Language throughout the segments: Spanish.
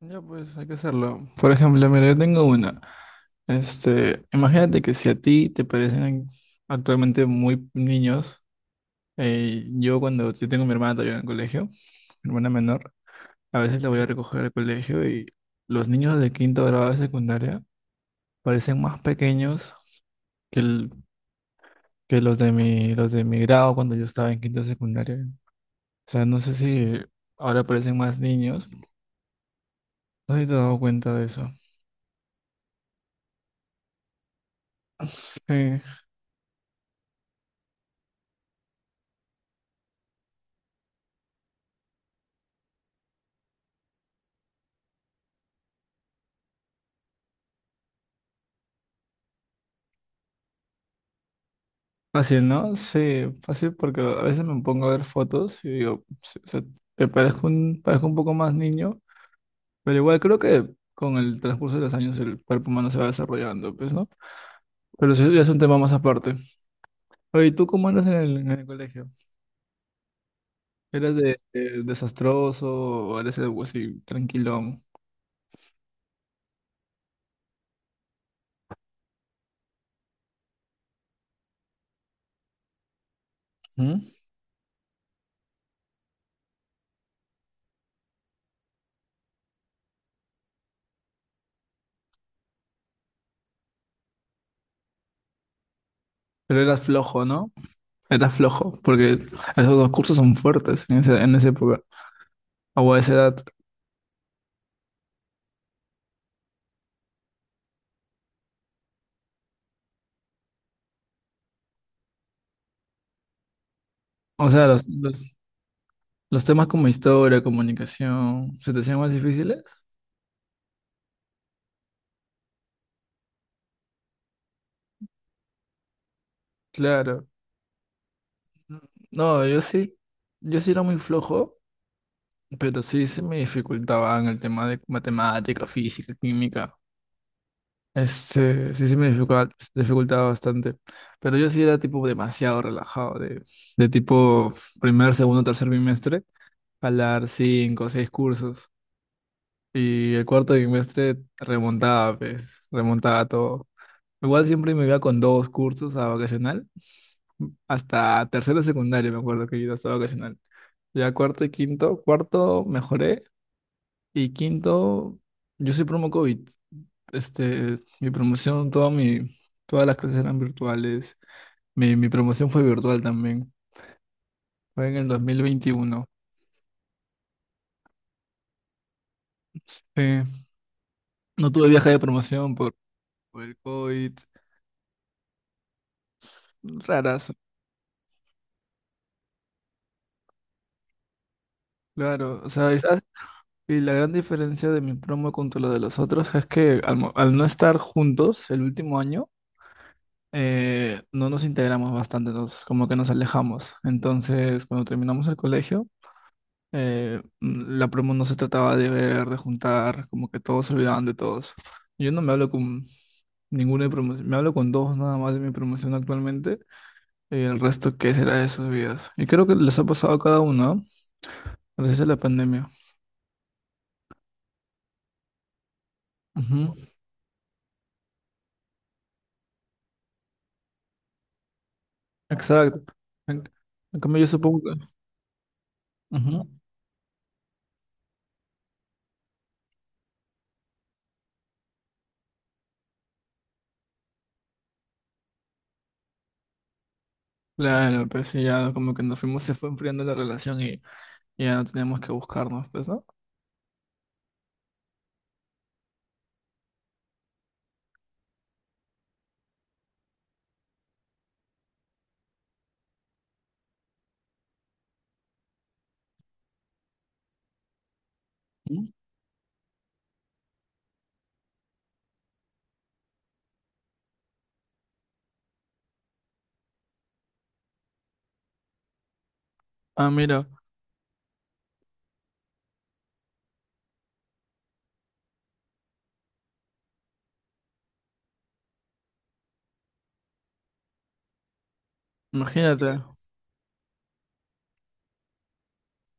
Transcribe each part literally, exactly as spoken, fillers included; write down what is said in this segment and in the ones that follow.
Ya pues hay que hacerlo. Por ejemplo, mira, yo tengo una. Este, imagínate que si a ti te parecen actualmente muy niños, eh, yo cuando yo tengo a mi hermana todavía en el colegio, mi hermana menor, a veces la voy a recoger al colegio y los niños de quinto grado de secundaria parecen más pequeños que, el- que los de mi, los de mi grado cuando yo estaba en quinto de secundaria. O sea, no sé si ahora parecen más niños. No sé si te has dado cuenta de eso. Sí, fácil, ¿no? Sí, fácil porque a veces me pongo a ver fotos y digo, sí, o sea, me parezco un, parezco un poco más niño, pero igual creo que con el transcurso de los años el cuerpo humano se va desarrollando, pues, ¿no? Pero eso ya es un tema más aparte. Oye, ¿y tú cómo andas en el, en el colegio? ¿Eras de, de desastroso o eres algo así tranquilón? ¿Mm? Pero eras flojo, ¿no? Eras flojo, porque esos dos cursos son fuertes en esa, en esa época, o a esa edad. O sea, los, los- los temas como historia, comunicación, ¿se te hacían más difíciles? Claro. No, yo sí, yo sí era muy flojo, pero sí se me dificultaban el tema de matemática, física, química. Este, sí se me dificultaba, dificultaba bastante. Pero yo sí era tipo demasiado relajado, de, de tipo primer, segundo, tercer bimestre, jalar cinco, o seis cursos. Y el cuarto trimestre remontaba, pues, remontaba todo. Igual siempre me iba con dos cursos a vacacional. Hasta tercero de secundario me acuerdo que iba hasta vacacional. Ya cuarto y quinto, cuarto mejoré y quinto, yo soy promo COVID. Este, mi promoción, toda mi, todas las clases eran virtuales. Mi, mi promoción fue virtual también. Fue en el dos mil veintiuno. Eh, no tuve viaje de promoción por, por el COVID. Raras, claro, o sea, es- y la gran diferencia de mi promo contra lo de los otros es que al, mo- al no estar juntos el último año, eh, no nos integramos bastante, nos, como que nos alejamos. Entonces, cuando terminamos el colegio, eh, mm, la promo no se trataba de ver, de juntar, como que todos se olvidaban de todos. Yo no me hablo con ninguna de promoción, me hablo con dos nada más de mi promoción actualmente, y el resto, ¿qué será de sus vidas? Y creo que les ha pasado a cada uno, ¿no? Gracias a la pandemia. Ujú. Exacto. En, en cambio, yo supongo que... Ujú. Claro, pues sí, ya como que nos fuimos, se fue enfriando la relación y, y ya no teníamos que buscarnos, pues, ¿no? Ujú. Ah, mira, imagínate.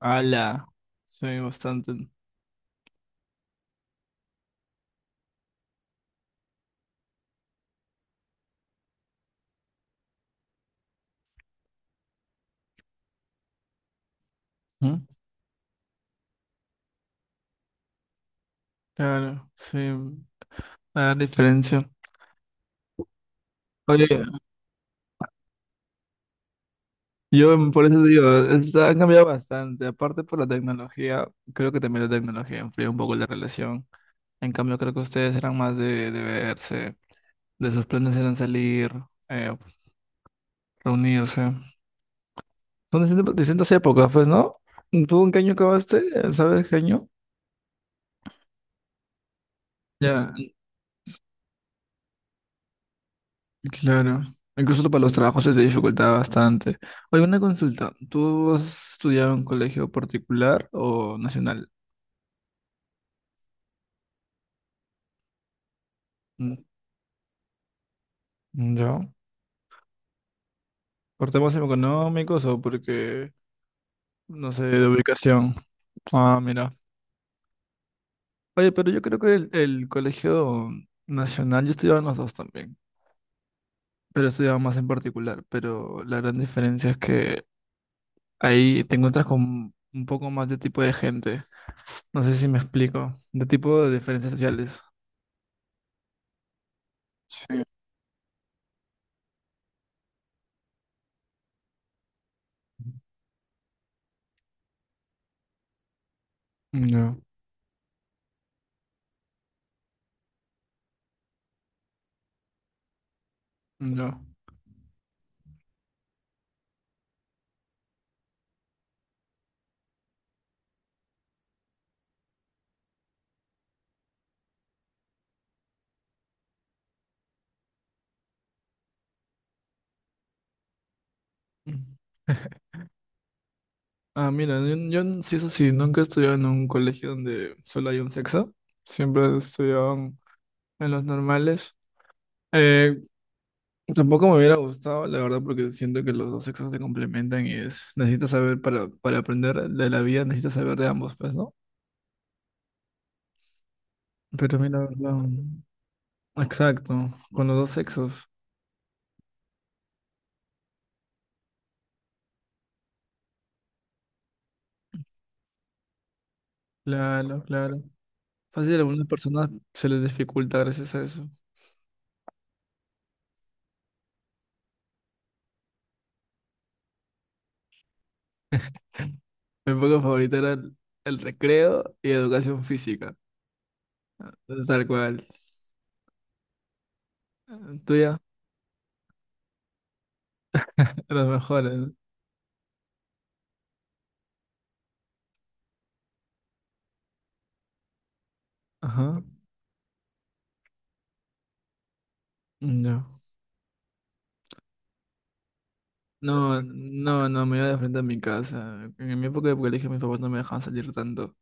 Ala. Sí, bastante. Ujú. Claro, sí, la diferencia. Oye, yo por eso digo, es- ha cambiado bastante. Aparte por la tecnología, creo que también la tecnología enfría un poco la relación. En cambio, creo que ustedes eran más de, de verse, de sus planes eran salir, eh, reunirse. Son distintas, distintas épocas, pues, ¿no? ¿Tú en qué año acabaste? ¿Sabes qué año? Ya, claro. Incluso para los trabajos se te dificultaba bastante. Oye, una consulta. ¿Tú has estudiado en colegio particular o nacional? Mm, ¿yo? ¿Por temas económicos o porque, no sé, de ubicación? Ah, mira. Oye, pero yo creo que el, el colegio nacional, yo estudiaba en los dos también, pero estudiaba más en particular. Pero la gran diferencia es que ahí te encuentras con un poco más de tipo de gente. No sé si me explico. De tipo de diferencias sociales. Sí. No, no. Mm. Ah, mira, yo, yo n- sí, eso sí, nunca he estudiado en un colegio donde solo hay un sexo. Siempre he estudiado en, en los normales. Eh, Tampoco me hubiera gustado, la verdad, porque siento que los dos sexos se complementan y es, necesitas saber para, para aprender de la vida, necesitas saber de ambos, pues, ¿no? Pero mira, la verdad, exacto, con los dos sexos. Claro, claro. Fácil, a algunas personas se les dificulta gracias a eso. Mi época favorita era el, el recreo y educación física. Tal cual. Tuya, los mejores. Ajá. No. No, no, no, me iba de frente a mi casa. En mi época de colegio mis papás no me dejaban salir tanto.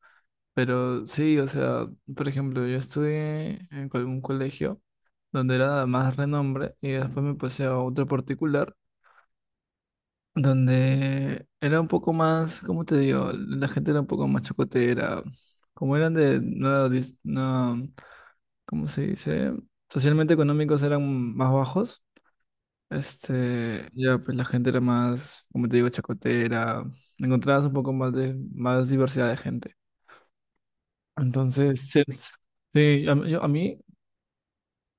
Pero sí, o sea, por ejemplo, yo estudié en algún colegio donde era más renombre y después me pasé a otro particular donde era un poco más, ¿cómo te digo? La gente era un poco más chocotera, como eran de, no, dis- no, ¿cómo se dice? Socialmente económicos eran más bajos, este, ya pues la gente era más, como te digo, chacotera, encontrabas un poco más de, más diversidad de gente. Entonces, sí, sí, a, mí yo- a mí,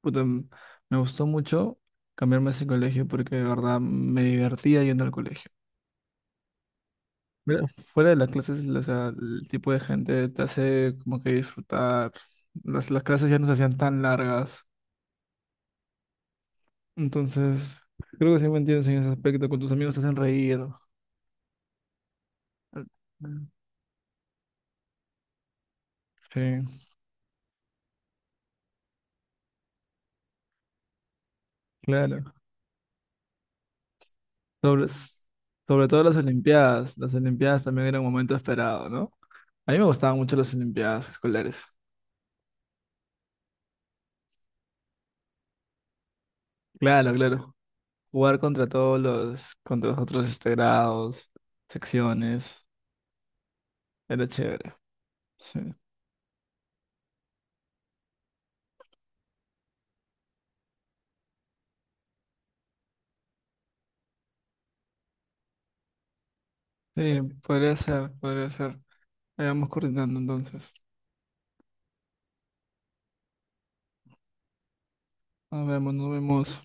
puta, me gustó mucho cambiarme a ese colegio porque de verdad me divertía yendo al colegio. Mira, fuera de las clases, o sea, el tipo de gente te hace como que disfrutar. Las, las clases ya no se hacían tan largas. Entonces, creo que sí me entiendes en ese aspecto. Con tus amigos te hacen reír. Sí, claro. Sobre, s- sobre todo las Olimpiadas. Las Olimpiadas también era un momento esperado, ¿no? A mí me gustaban mucho las Olimpiadas escolares. Claro, claro. Jugar contra todos los, contra los otros este, grados, secciones. Era chévere. Sí. Sí, podría ser, podría ser. Ahí vamos coordinando entonces. Nos vemos, nos vemos.